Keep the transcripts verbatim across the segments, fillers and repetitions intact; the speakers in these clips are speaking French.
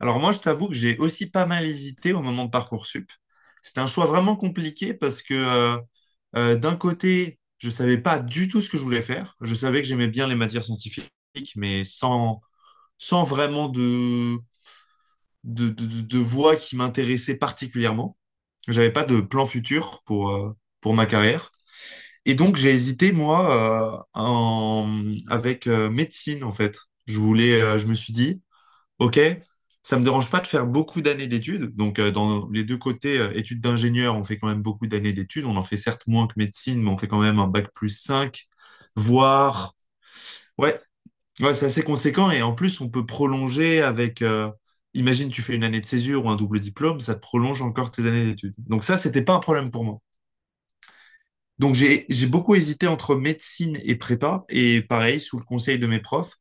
Alors moi, je t'avoue que j'ai aussi pas mal hésité au moment de Parcoursup. C'était un choix vraiment compliqué parce que euh, euh, d'un côté, je savais pas du tout ce que je voulais faire. Je savais que j'aimais bien les matières scientifiques, mais sans, sans vraiment de, de, de, de- de voie qui m'intéressait particulièrement. J'avais pas de plan futur pour, euh, pour ma carrière. Et donc j'ai hésité, moi, euh, en- avec euh, médecine, en fait. Je voulais, euh, je me suis dit, OK, ça me dérange pas de faire beaucoup d'années d'études. Donc, euh, dans les deux côtés, euh, études d'ingénieur, on fait quand même beaucoup d'années d'études. On en fait certes moins que médecine, mais on fait quand même un bac plus cinq, voire... Ouais, ouais, c'est assez conséquent. Et en plus, on peut prolonger avec... euh, Imagine, tu fais une année de césure ou un double diplôme, ça te prolonge encore tes années d'études. Donc ça, c'était pas un problème pour moi. Donc j'ai j'ai beaucoup hésité entre médecine et prépa. Et pareil, sous le conseil de mes profs,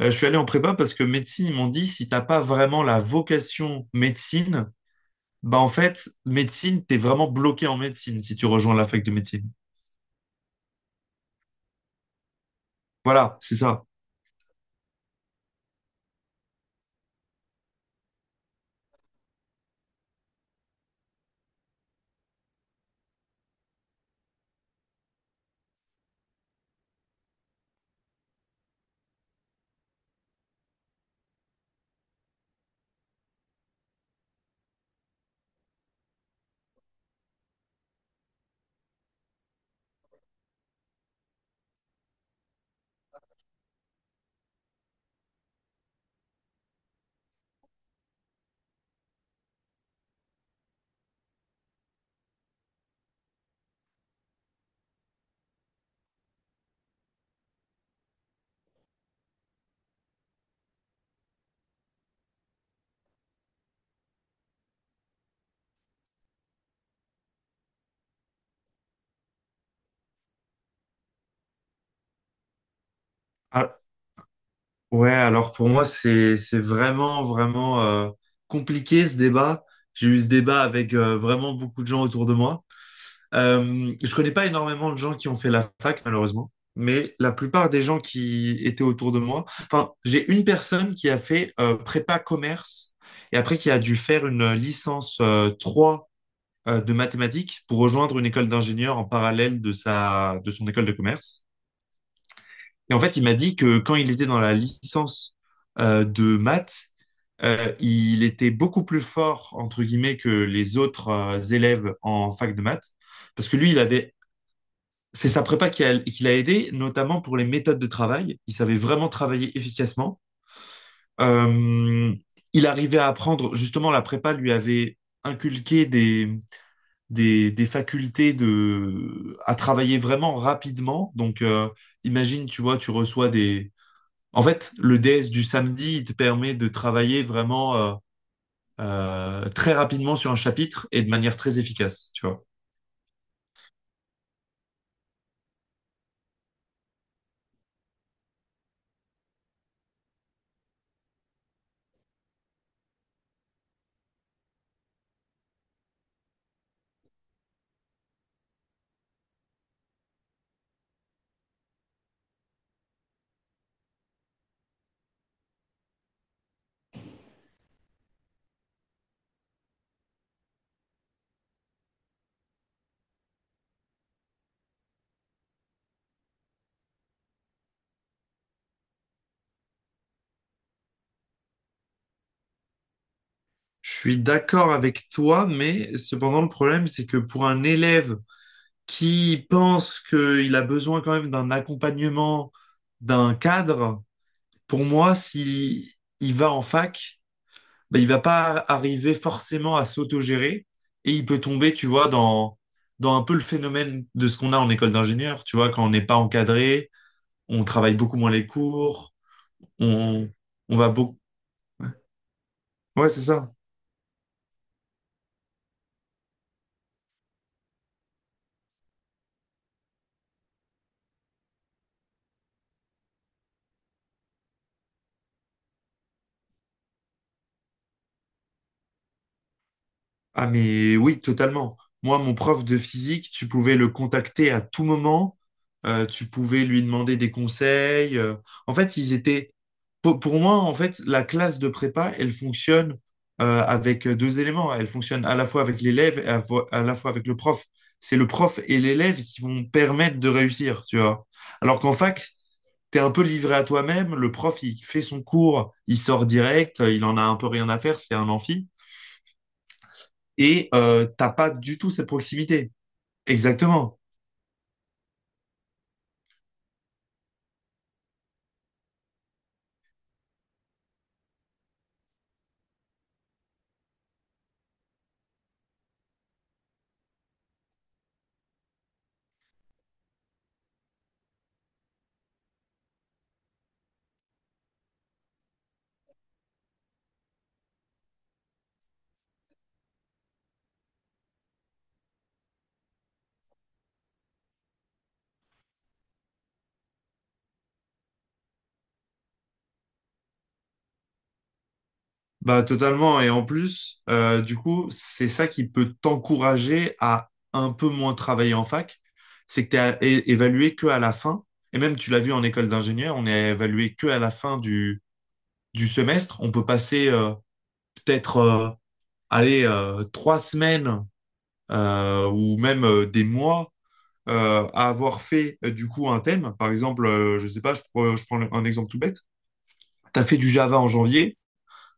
euh, je suis allé en prépa parce que médecine, ils m'ont dit, si t'as pas vraiment la vocation médecine, bah en fait, médecine, t'es vraiment bloqué en médecine si tu rejoins la fac de médecine. Voilà, c'est ça. Ah, ouais, alors pour moi, c'est c'est vraiment, vraiment euh, compliqué ce débat. J'ai eu ce débat avec euh, vraiment beaucoup de gens autour de moi. Euh, je connais pas énormément de gens qui ont fait la fac, malheureusement, mais la plupart des gens qui étaient autour de moi, enfin, j'ai une personne qui a fait euh, prépa commerce et après qui a dû faire une licence euh, trois euh, de mathématiques pour rejoindre une école d'ingénieur en parallèle de sa, de son école de commerce. Et en fait, il m'a dit que quand il était dans la licence euh, de maths, euh, il était beaucoup plus fort, entre guillemets, que les autres euh, élèves en fac de maths, parce que lui, il avait c'est sa prépa qui, a- qui l'a aidé, notamment pour les méthodes de travail. Il savait vraiment travailler efficacement. Euh, il arrivait à apprendre, justement, la prépa lui avait inculqué des, des, des facultés de, à travailler vraiment rapidement. Donc, euh, imagine, tu vois, tu reçois des... En fait, le D S du samedi, il te permet de travailler vraiment euh, euh, très rapidement sur un chapitre et de manière très efficace, tu vois. Je suis d'accord avec toi, mais cependant le problème, c'est que pour un élève qui pense qu'il a besoin quand même d'un accompagnement, d'un cadre, pour moi, si il va en fac, ben, il va pas arriver forcément à s'autogérer et il peut tomber, tu vois, dans, dans un peu le phénomène de ce qu'on a en école d'ingénieur, tu vois, quand on n'est pas encadré, on travaille beaucoup moins les cours, on, on va beaucoup. Ouais, c'est ça. Ah, mais oui, totalement. Moi, mon prof de physique, tu pouvais le contacter à tout moment, euh, tu pouvais lui demander des conseils. euh. En fait, ils étaient. Pour, pour moi, en fait, la classe de prépa, elle fonctionne euh, avec deux éléments. Elle fonctionne à la fois avec l'élève et à, fo- à la fois avec le prof. C'est le prof et l'élève qui vont permettre de réussir, tu vois. Alors qu'en fac, t'es un peu livré à toi-même. Le prof, il fait son cours, il sort direct, euh, il en a un peu rien à faire, c'est un amphi. Et euh, t'as pas du tout cette proximité. Exactement. Bah, totalement. Et en plus, euh, du coup, c'est ça qui peut t'encourager à un peu moins travailler en fac. C'est que t'es à- é- évalué que à la fin. Et même, tu l'as vu en école d'ingénieur, on est évalué que à la fin du, du semestre. On peut passer euh, peut-être, euh, allez, euh, trois semaines euh, ou même euh, des mois euh, à avoir fait euh, du coup un thème. Par exemple, euh, je sais pas, je, prends- je prends un exemple tout bête. Tu as fait du Java en janvier,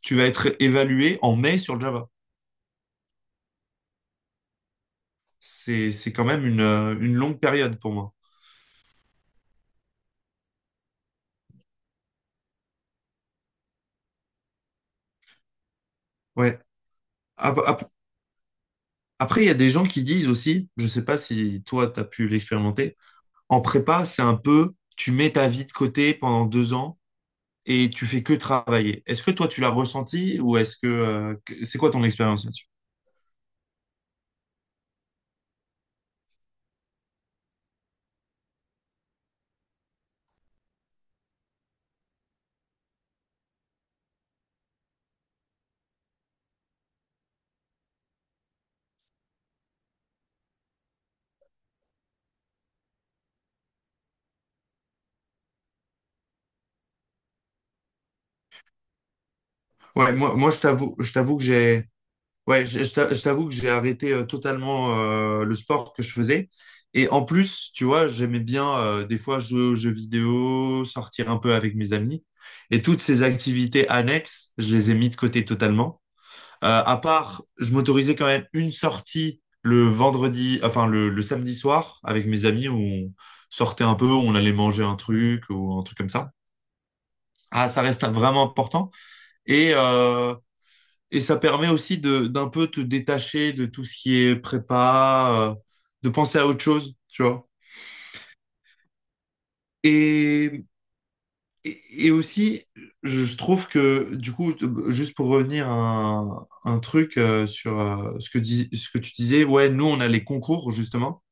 tu vas être évalué en mai sur le Java. C'est, c'est quand même une, euh, une longue période pour moi. Ouais. Ap- ap- Après, il y a des gens qui disent aussi, je sais pas si toi, tu as pu l'expérimenter, en prépa, c'est un peu, tu mets ta vie de côté pendant deux ans et tu fais que travailler. Est-ce que toi, tu l'as ressenti ou est-ce que, euh, que- c'est quoi ton expérience là-dessus? Ouais, moi, moi je t'avoue, je t'avoue que j'ai, ouais, je, je t'a- je t'avoue que j'ai arrêté euh, totalement euh, le sport que je faisais. Et en plus, tu vois, j'aimais bien euh, des fois jouer aux jeux vidéo, sortir un peu avec mes amis. Et toutes ces activités annexes, je les ai mis de côté totalement. Euh, à part, je m'autorisais quand même une sortie le vendredi, enfin le, le samedi soir avec mes amis où on sortait un peu, on allait manger un truc ou un truc comme ça. Ah, ça reste vraiment important. Et euh, et ça permet aussi de d'un peu te détacher de tout ce qui est prépa, euh, de penser à autre chose, tu vois. Et, et, et aussi, je je trouve que, du coup, t- juste pour revenir à un, un truc euh, sur euh, ce que dis- ce que tu disais, ouais, nous, on a les concours, justement.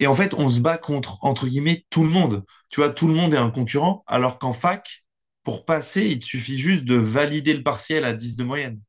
Et en fait, on se bat contre, entre guillemets, tout le monde. Tu vois, tout le monde est un concurrent, alors qu'en fac, pour passer, il te suffit juste de valider le partiel à dix de moyenne.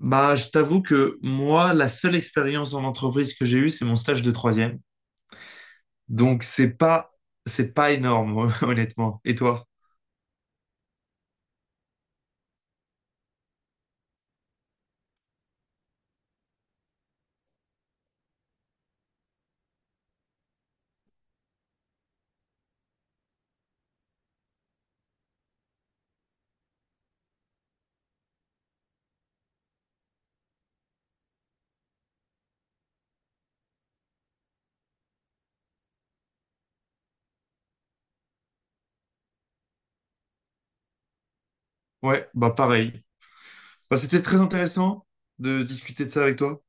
Bah, je t'avoue que moi, la seule expérience en entreprise que j'ai eue, c'est mon stage de troisième. Donc, c'est pas, c'est pas énorme, honnêtement. Et toi? Ouais, bah pareil. Bah, c'était très intéressant de discuter de ça avec toi.